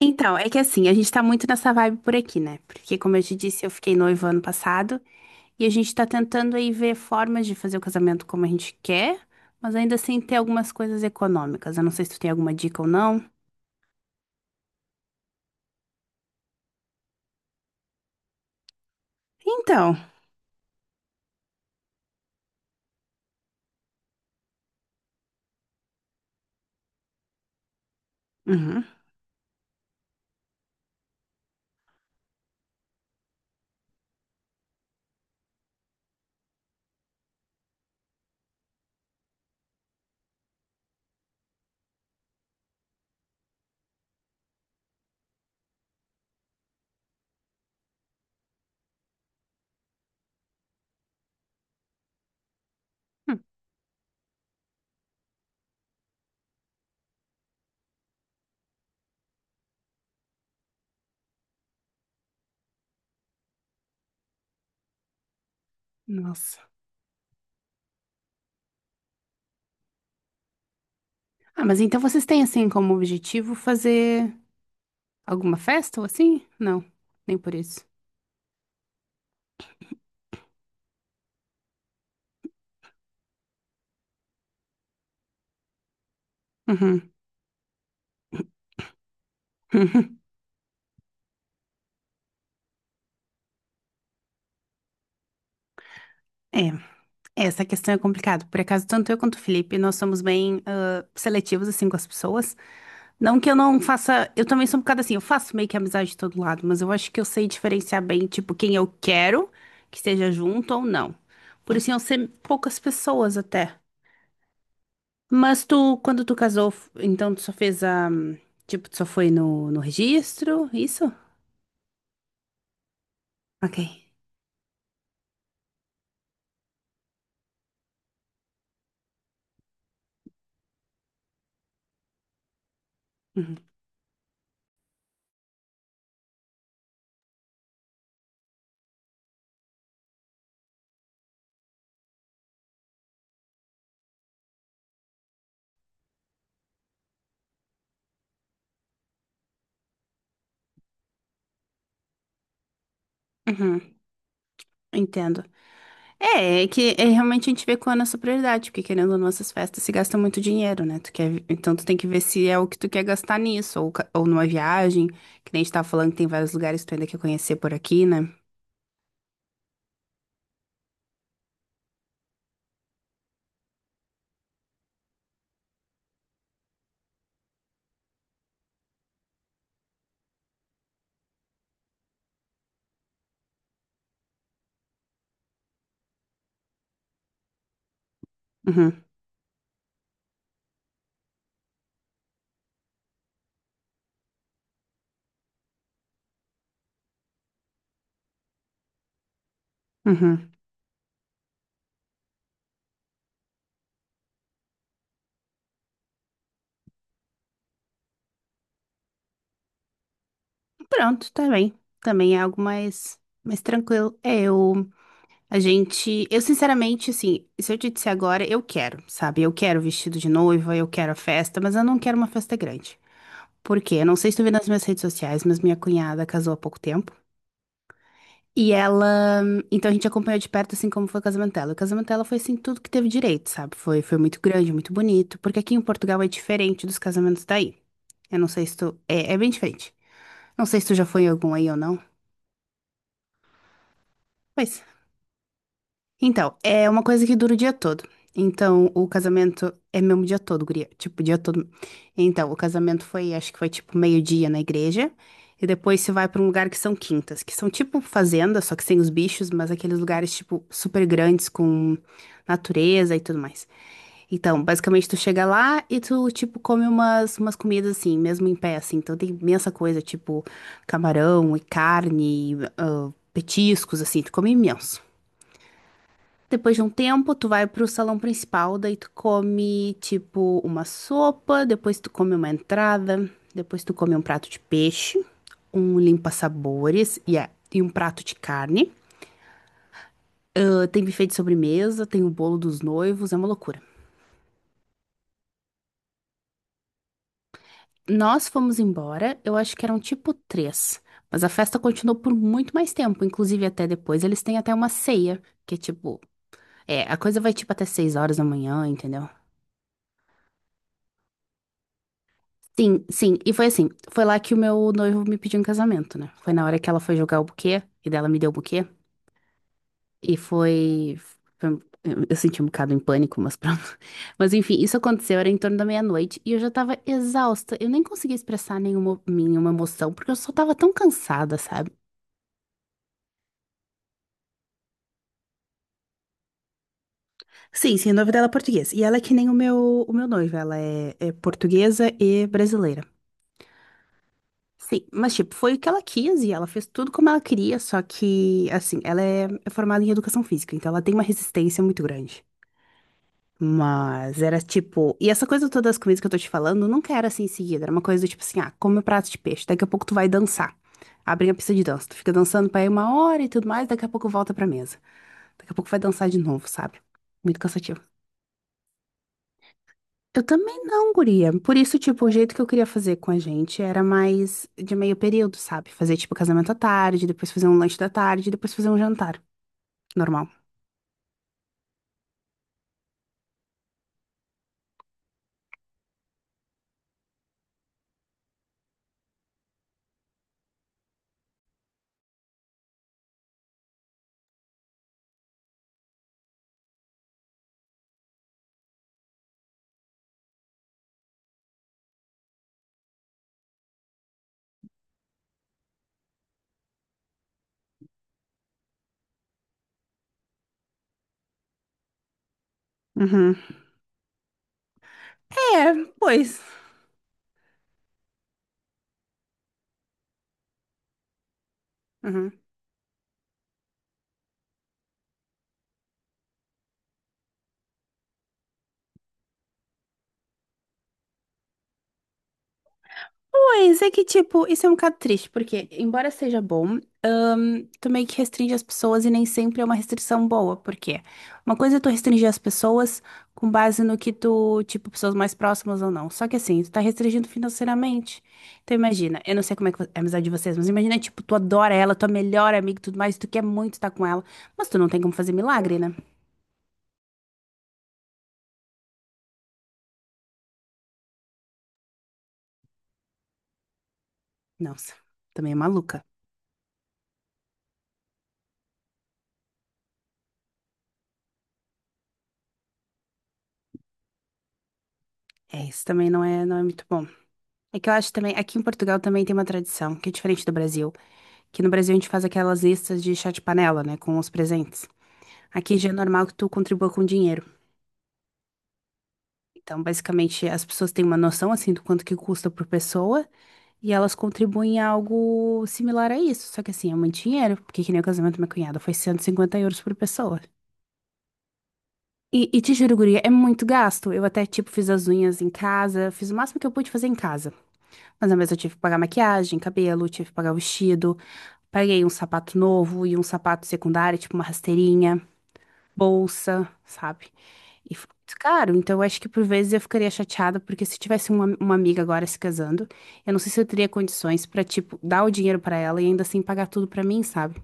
Então, é que assim, a gente tá muito nessa vibe por aqui, né? Porque, como eu te disse, eu fiquei noiva ano passado e a gente tá tentando aí ver formas de fazer o casamento como a gente quer, mas ainda assim ter algumas coisas econômicas. Eu não sei se tu tem alguma dica ou não. Então, uhum. Hum. Nossa. Ah, mas então vocês têm assim como objetivo fazer alguma festa ou assim? Não, nem por isso. Uhum. É, essa questão é complicada. Por acaso, tanto eu quanto o Felipe, nós somos bem seletivos assim com as pessoas. Não que eu não faça. Eu também sou um bocado assim, eu faço meio que amizade de todo lado, mas eu acho que eu sei diferenciar bem, tipo, quem eu quero que esteja junto ou não. Por isso iam ser poucas pessoas até. Mas tu, quando tu casou, então tu só fez a. Tipo, tu só foi no registro, isso? Ok. Uhum. Uhum, entendo. É, é que é, realmente a gente vê qual é a nossa prioridade, porque querendo ou não, essas festas se gasta muito dinheiro, né? Tu quer, então tu tem que ver se é o que tu quer gastar nisso, ou numa viagem, que nem a gente tava falando que tem vários lugares que tu ainda quer conhecer por aqui, né? Uhum, uhum. Pronto, tá bem. Também é algo mais tranquilo. É, eu sinceramente, assim, se eu te disser agora, eu quero, sabe? Eu quero o vestido de noiva, eu quero a festa, mas eu não quero uma festa grande. Por quê? Eu não sei se tu viu nas minhas redes sociais, mas minha cunhada casou há pouco tempo. E ela, então a gente acompanhou de perto, assim, como foi o casamento dela. O casamento dela foi, assim, tudo que teve direito, sabe? Foi muito grande, muito bonito, porque aqui em Portugal é diferente dos casamentos daí. Eu não sei se tu, é bem diferente. Não sei se tu já foi em algum aí ou não. Pois. Então, é uma coisa que dura o dia todo. Então, o casamento é mesmo o dia todo, guria. Tipo, o dia todo. Então, o casamento foi, acho que foi tipo meio-dia na igreja. E depois você vai pra um lugar que são quintas, que são tipo fazendas, só que sem os bichos, mas aqueles lugares, tipo, super grandes com natureza e tudo mais. Então, basicamente, tu chega lá e tu, tipo, come umas comidas assim, mesmo em pé, assim. Então, tem imensa coisa, tipo, camarão e carne, petiscos, assim, tu come imenso. Depois de um tempo, tu vai pro salão principal, daí tu come, tipo, uma sopa, depois tu come uma entrada, depois tu come um prato de peixe, um limpa-sabores e um prato de carne. Ah, tem buffet de sobremesa, tem o bolo dos noivos, é uma loucura. Nós fomos embora, eu acho que eram tipo três, mas a festa continuou por muito mais tempo, inclusive até depois. Eles têm até uma ceia, que é tipo, a coisa vai tipo até 6 horas da manhã, entendeu? Sim, sim. E foi assim, foi lá que o meu noivo me pediu em casamento, né? Foi na hora que ela foi jogar o buquê, e dela me deu o buquê, e foi... foi- Eu eu senti um bocado em pânico, mas pronto. Mas enfim, isso aconteceu, era em torno da meia-noite, e eu já tava exausta. Eu nem conseguia expressar nenhuma emoção, porque eu só tava tão cansada, sabe? Sim, sim, o nome dela é português. E ela é que nem o meu noivo, ela é portuguesa e brasileira. Sim, mas tipo, foi o que ela quis e ela fez tudo como ela queria, só que, assim, ela é formada em educação física, então ela tem uma resistência muito grande. Mas era tipo. E essa coisa toda das comidas que eu tô te falando nunca era assim em seguida. Era uma coisa do tipo assim: ah, come o prato de peixe, daqui a pouco tu vai dançar. Abre a pista de dança, tu fica dançando pra aí uma hora e tudo mais, daqui a pouco volta pra mesa. Daqui a pouco vai dançar de novo, sabe? Muito cansativo. Eu também não, guria. Por isso, tipo, o jeito que eu queria fazer com a gente era mais de meio período, sabe? Fazer, tipo, casamento à tarde, depois fazer um lanche da tarde, depois fazer um jantar. Normal. Uhum. É, pois. Uhum. Pois é que, tipo, isso é um bocado triste, porque, embora seja bom. Tu meio que restringe as pessoas e nem sempre é uma restrição boa, porque uma coisa é tu restringir as pessoas com base no que tu, tipo, pessoas mais próximas ou não. Só que assim, tu tá restringindo financeiramente. Então imagina, eu não sei como é que é a amizade de vocês, mas imagina, tipo, tu adora ela, tua melhor amiga e tudo mais, tu quer muito estar com ela, mas tu não tem como fazer milagre, né? Nossa, também é maluca. É, isso também não é muito bom. É que eu acho também, aqui em Portugal também tem uma tradição, que é diferente do Brasil, que no Brasil a gente faz aquelas listas de chá de panela, né, com os presentes. Aqui já é normal que tu contribua com dinheiro. Então, basicamente, as pessoas têm uma noção assim do quanto que custa por pessoa e elas contribuem a algo similar a isso. Só que assim, é muito dinheiro, porque que nem o casamento da minha cunhada foi 150 euros por pessoa. E te juro, guria, é muito gasto. Eu até, tipo, fiz as unhas em casa, fiz o máximo que eu pude fazer em casa. Mas, na mesma, eu tive que pagar maquiagem, cabelo, tive que pagar vestido, paguei um sapato novo e um sapato secundário, tipo uma rasteirinha. Bolsa, sabe? E foi muito caro. Então, eu acho que por vezes eu ficaria chateada, porque se tivesse uma amiga agora se casando, eu não sei se eu teria condições pra, tipo, dar o dinheiro pra ela e ainda assim pagar tudo pra mim, sabe?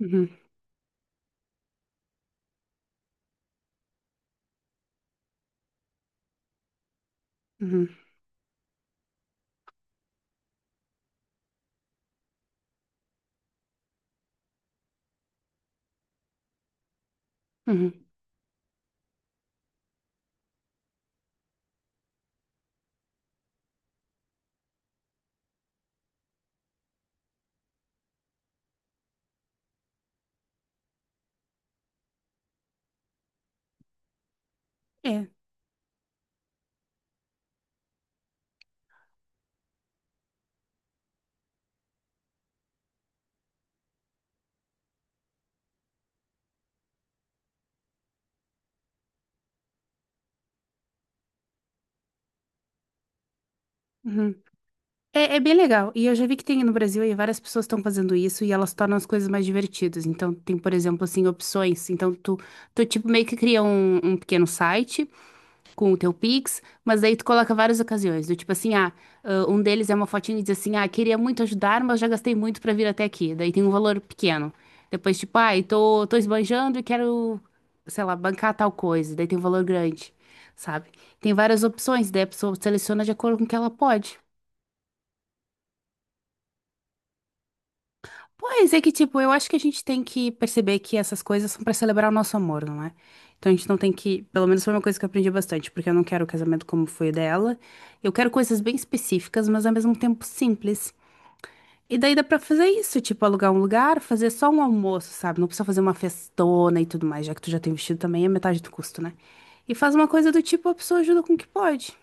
Uhum, uhum, uhum. É, uhum. É, é bem legal. E eu já vi que tem no Brasil aí várias pessoas estão fazendo isso e elas tornam as coisas mais divertidas. Então, tem, por exemplo, assim, opções. Então, tu, tipo, meio que cria um pequeno site com o teu Pix, mas daí tu coloca várias ocasiões, do tipo assim, um deles é uma fotinha e diz assim, ah, queria muito ajudar, mas já gastei muito pra vir até aqui. Daí tem um valor pequeno. Depois, tipo, tô esbanjando e quero, sei lá, bancar tal coisa. Daí tem um valor grande, sabe? Tem várias opções, daí a pessoa seleciona de acordo com o que ela pode. Pois é que, tipo, eu acho que a gente tem que perceber que essas coisas são pra celebrar o nosso amor, não é? Então a gente não tem que. Pelo menos foi uma coisa que eu aprendi bastante, porque eu não quero o casamento como foi o dela. Eu quero coisas bem específicas, mas ao mesmo tempo simples. E daí dá pra fazer isso, tipo, alugar um lugar, fazer só um almoço, sabe? Não precisa fazer uma festona e tudo mais, já que tu já tem vestido também, é metade do custo, né? E faz uma coisa do tipo, a pessoa ajuda com o que pode.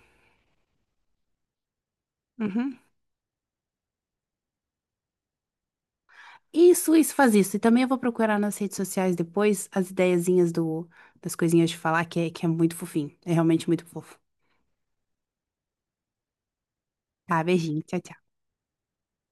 Uhum. Isso, faz isso. E também eu vou procurar nas redes sociais depois as ideiazinhas das coisinhas de falar, que é muito fofinho. É realmente muito fofo. Tá, beijinho. Tchau, tchau.